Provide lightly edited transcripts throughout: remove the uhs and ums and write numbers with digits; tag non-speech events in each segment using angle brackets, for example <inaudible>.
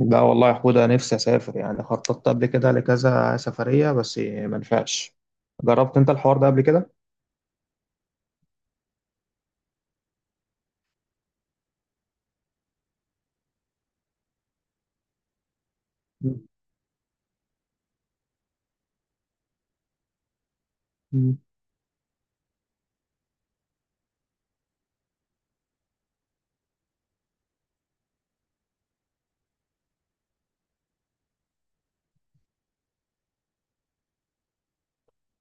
لا والله يا حودة، نفسي أسافر، يعني خططت قبل كده لكذا سفرية بس ما نفعش. جربت أنت الحوار ده قبل كده؟ مم. مم.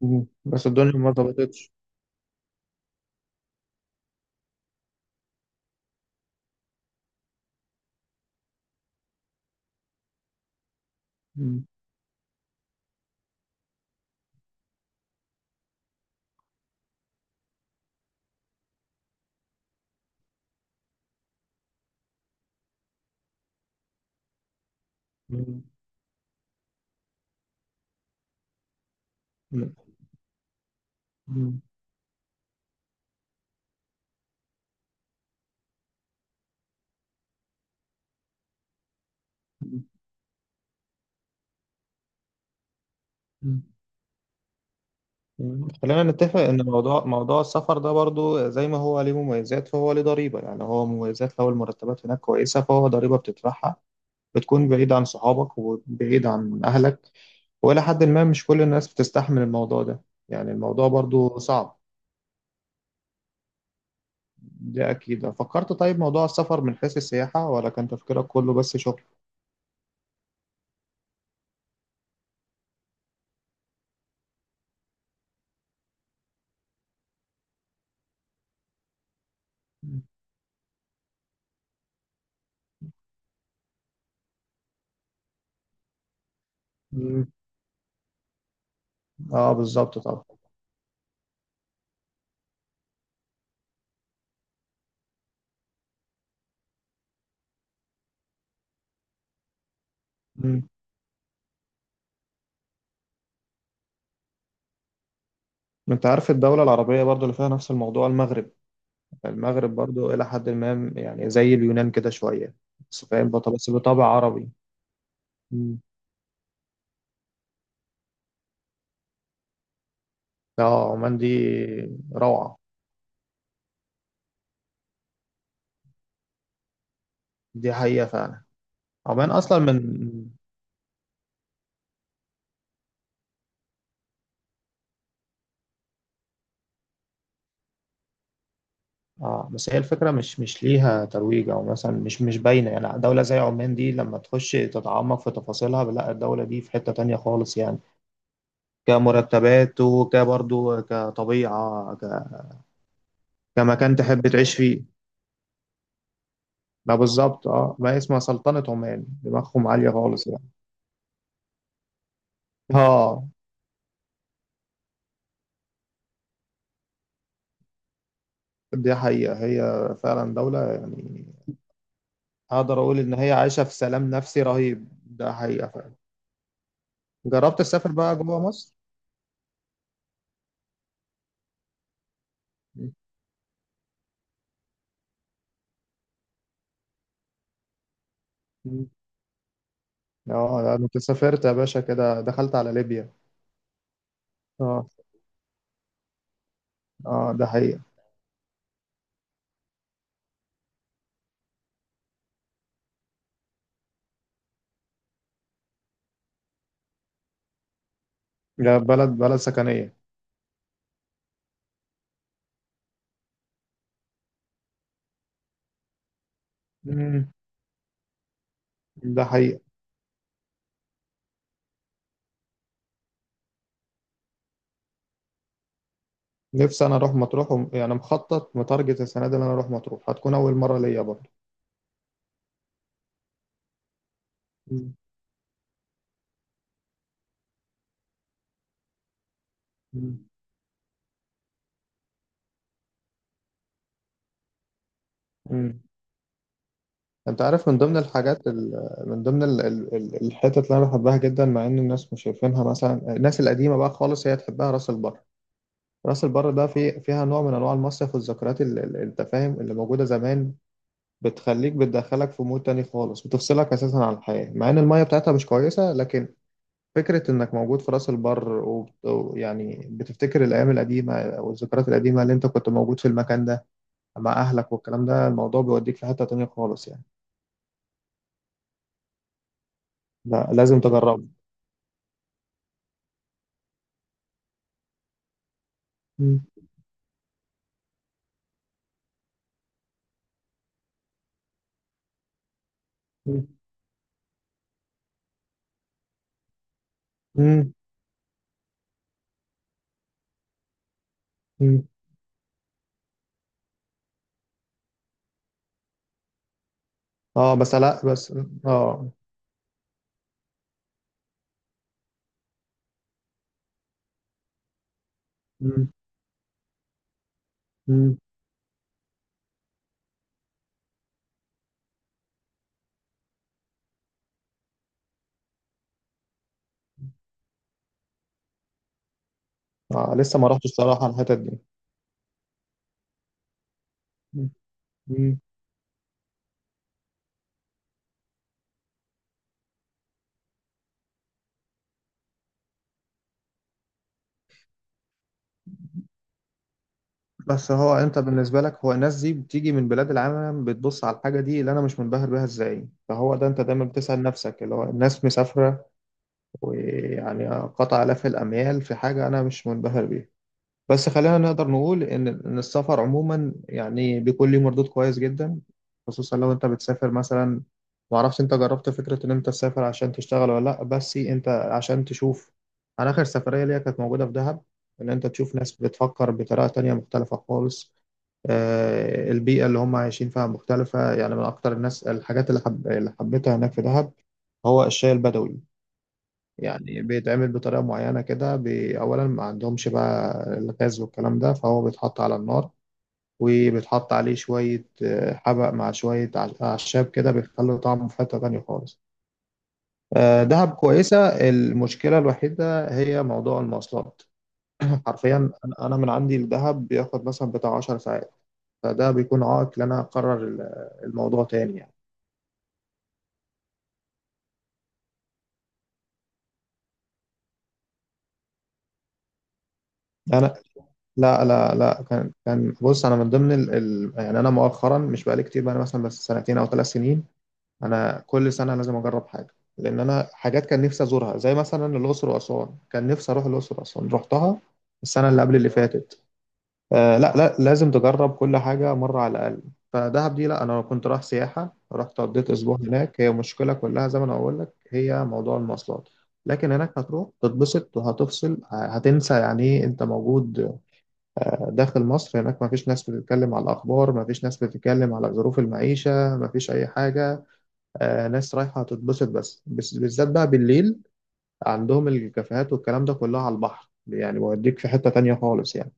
مم. بس الدنيا ما ظبطتش. مم. مم. مم. مم. مم. مم. خلينا نتفق إن موضوع السفر ده برضو زي ما هو ليه مميزات، فهو ليه ضريبة، يعني هو مميزات لو المرتبات هناك كويسة فهو ضريبة بتدفعها، بتكون بعيد عن صحابك وبعيد عن أهلك، وإلى حد ما مش كل الناس بتستحمل الموضوع ده، يعني الموضوع برضو صعب. دي أكيد فكرت. طيب، موضوع السفر من حيث السياحة ولا كان تفكيرك كله بس شغل؟ مم. اه بالظبط طبعا. مم. انت عارف الدولة العربية برضو اللي فيها نفس الموضوع، المغرب. المغرب برضو إلى حد ما، يعني زي اليونان كده شوية، بس فاهم بس بطبع عربي. مم. اه، عمان دي روعة. دي حقيقة فعلا. عمان أصلا من... اه بس هي الفكرة مش ليها ترويج او مثلا مش باينة، يعني دولة زي عمان دي لما تخش تتعمق في تفاصيلها، لا، الدولة دي في حتة تانية خالص يعني، كمرتبات وكبرضو كطبيعة ك... كمكان تحب تعيش فيه. لا بالظبط، اه، ما هي اسمها سلطنة عمان، دماغهم عالية خالص يعني. اه. دي حقيقة هي فعلا دولة، يعني اقدر اقول ان هي عايشة في سلام نفسي رهيب، ده حقيقة فعلا. جربت تسافر بقى جوه مصر؟ اه لا، انا كنت سافرت يا باشا كده، دخلت على ليبيا. اه. اه، ده حقيقة. ده بلد سكنية. مم. ده حقيقة. نفسي انا اروح مطروح يعني مخطط متارجت السنة دي ان انا اروح مطروح، هتكون اول مرة ليا برضه. مم. مم. امم انت عارف من ضمن الحاجات ال... من ضمن الحتت اللي انا بحبها جدا، مع ان الناس مش شايفينها، مثلا الناس القديمه بقى خالص هي تحبها، راس البر. راس البر ده في... فيها نوع من انواع المصيف والذكريات التفاهم اللي موجوده زمان، بتخليك، بتدخلك في مود تاني خالص، بتفصلك اساسا عن الحياه، مع ان الميه بتاعتها مش كويسه. لكن فكره انك موجود في راس البر ويعني بتفتكر الايام القديمه والذكريات القديمه اللي انت كنت موجود في المكان ده مع اهلك والكلام ده، الموضوع بيوديك في حته تانيه خالص يعني. لا لازم تجربه. مم. مم. مم. مم. اه بس لا، بس اه. مم. مم. اه لسه ما رحتش الصراحه الحتت دي. مم. مم. بس هو انت بالنسبه لك، هو الناس دي بتيجي من بلاد العالم بتبص على الحاجه دي اللي انا مش منبهر بيها ازاي، فهو ده انت دايما بتسال نفسك، اللي هو الناس مسافره ويعني قطع الاف الاميال في حاجه انا مش منبهر بيها. بس خلينا نقدر نقول إن السفر عموما يعني بيكون ليه مردود كويس جدا، خصوصا لو أنت بتسافر مثلا، معرفش أنت جربت فكرة إن أنت تسافر عشان تشتغل ولا لأ، بس أنت عشان تشوف. أنا آخر سفرية ليا كانت موجودة في دهب. إن أنت تشوف ناس بتفكر بطريقة تانية مختلفة خالص. البيئة اللي هم عايشين فيها مختلفة، يعني من أكتر الناس الحاجات اللي، اللي حبيتها هناك في دهب هو الشاي البدوي. يعني بيتعمل بطريقة معينة كده، أولا ما عندهمش بقى الغاز والكلام ده، فهو بيتحط على النار، وبيتحط عليه شوية حبق مع شوية أعشاب كده، بيخلي طعمه في حتة تانية خالص. دهب كويسة. المشكلة الوحيدة هي موضوع المواصلات. <laughs> حرفيا، أنا من عندي لدهب بياخد مثلا بتاع 10 ساعات، فده بيكون عائق إن أنا أقرر الموضوع تاني يعني. انا، لا كان بص، انا من ضمن يعني انا مؤخرا مش بقالي كتير بقى، انا مثلا بس 2 سنين او 3 سنين. انا كل سنه لازم اجرب حاجه، لان انا حاجات كان نفسي ازورها زي مثلا الاقصر واسوان، كان نفسي اروح الاقصر واسوان، رحتها السنه اللي قبل اللي فاتت. لا، لا، لازم تجرب كل حاجه مره على الاقل. فدهب دي لا، انا كنت رايح سياحه، رحت قضيت اسبوع هناك، هي مشكله كلها زي ما انا بقول لك، هي موضوع المواصلات. لكن هناك هتروح تتبسط وهتفصل، هتنسى يعني ايه انت موجود داخل مصر، هناك ما فيش ناس بتتكلم على الأخبار، ما فيش ناس بتتكلم على ظروف المعيشة، ما فيش أي حاجة. ناس رايحة تتبسط بس، بالذات بقى بالليل عندهم الكافيهات والكلام ده كله على البحر، يعني بيوديك في حتة تانية خالص يعني.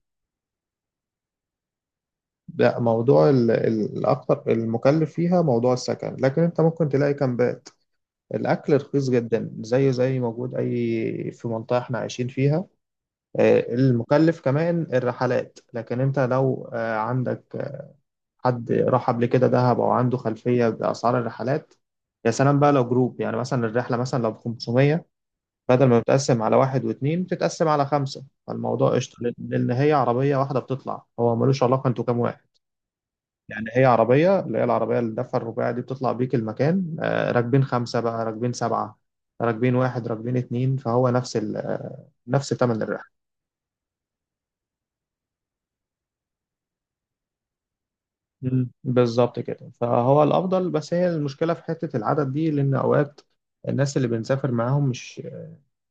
ده موضوع الأكتر المكلف فيها موضوع السكن، لكن أنت ممكن تلاقي كامبات. الأكل رخيص جدا زيه زي موجود أي في منطقة إحنا عايشين فيها. المكلف كمان الرحلات، لكن انت لو عندك حد راح قبل كده دهب او عنده خلفيه باسعار الرحلات. يا سلام بقى لو جروب، يعني مثلا الرحله مثلا لو ب 500، بدل ما بتقسم على واحد واثنين بتتقسم على خمسه، فالموضوع قشطه لأن هي عربيه واحده بتطلع، هو ملوش علاقه انتوا كام واحد. يعني هي عربيه، اللي هي العربيه اللي الدفع الرباعي دي، بتطلع بيك المكان راكبين خمسه بقى، راكبين سبعه، راكبين واحد، راكبين اتنين، فهو نفس ال آه، نفس ثمن الرحله. مم. بالظبط كده فهو الافضل، بس هي المشكله في حته العدد دي، لان اوقات الناس اللي بنسافر معاهم مش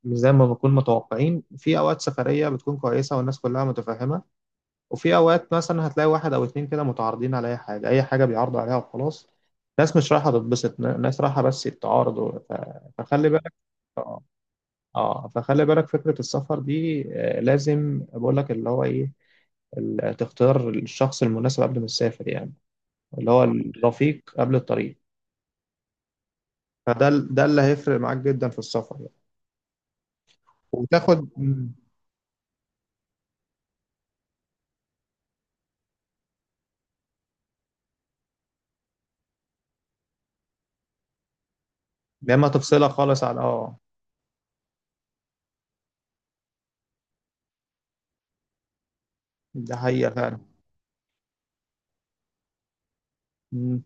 مش زي ما بنكون متوقعين. في اوقات سفريه بتكون كويسه والناس كلها متفاهمه، وفي اوقات مثلا هتلاقي واحد او اتنين كده متعارضين على اي حاجه، اي حاجه بيعرضوا عليها وخلاص. ناس مش رايحه تتبسط، ناس رايحه بس تعارضوا فخلي بالك. اه. فخلي بالك، فكره السفر دي لازم بقول لك اللي هو ايه، تختار الشخص المناسب قبل ما تسافر يعني. اللي هو الرفيق قبل الطريق، فده ده اللي هيفرق معاك جدا في السفر يعني. وتاخد. مم. يا اما تفصلها خالص عن اه. ده حقيقة فعلا.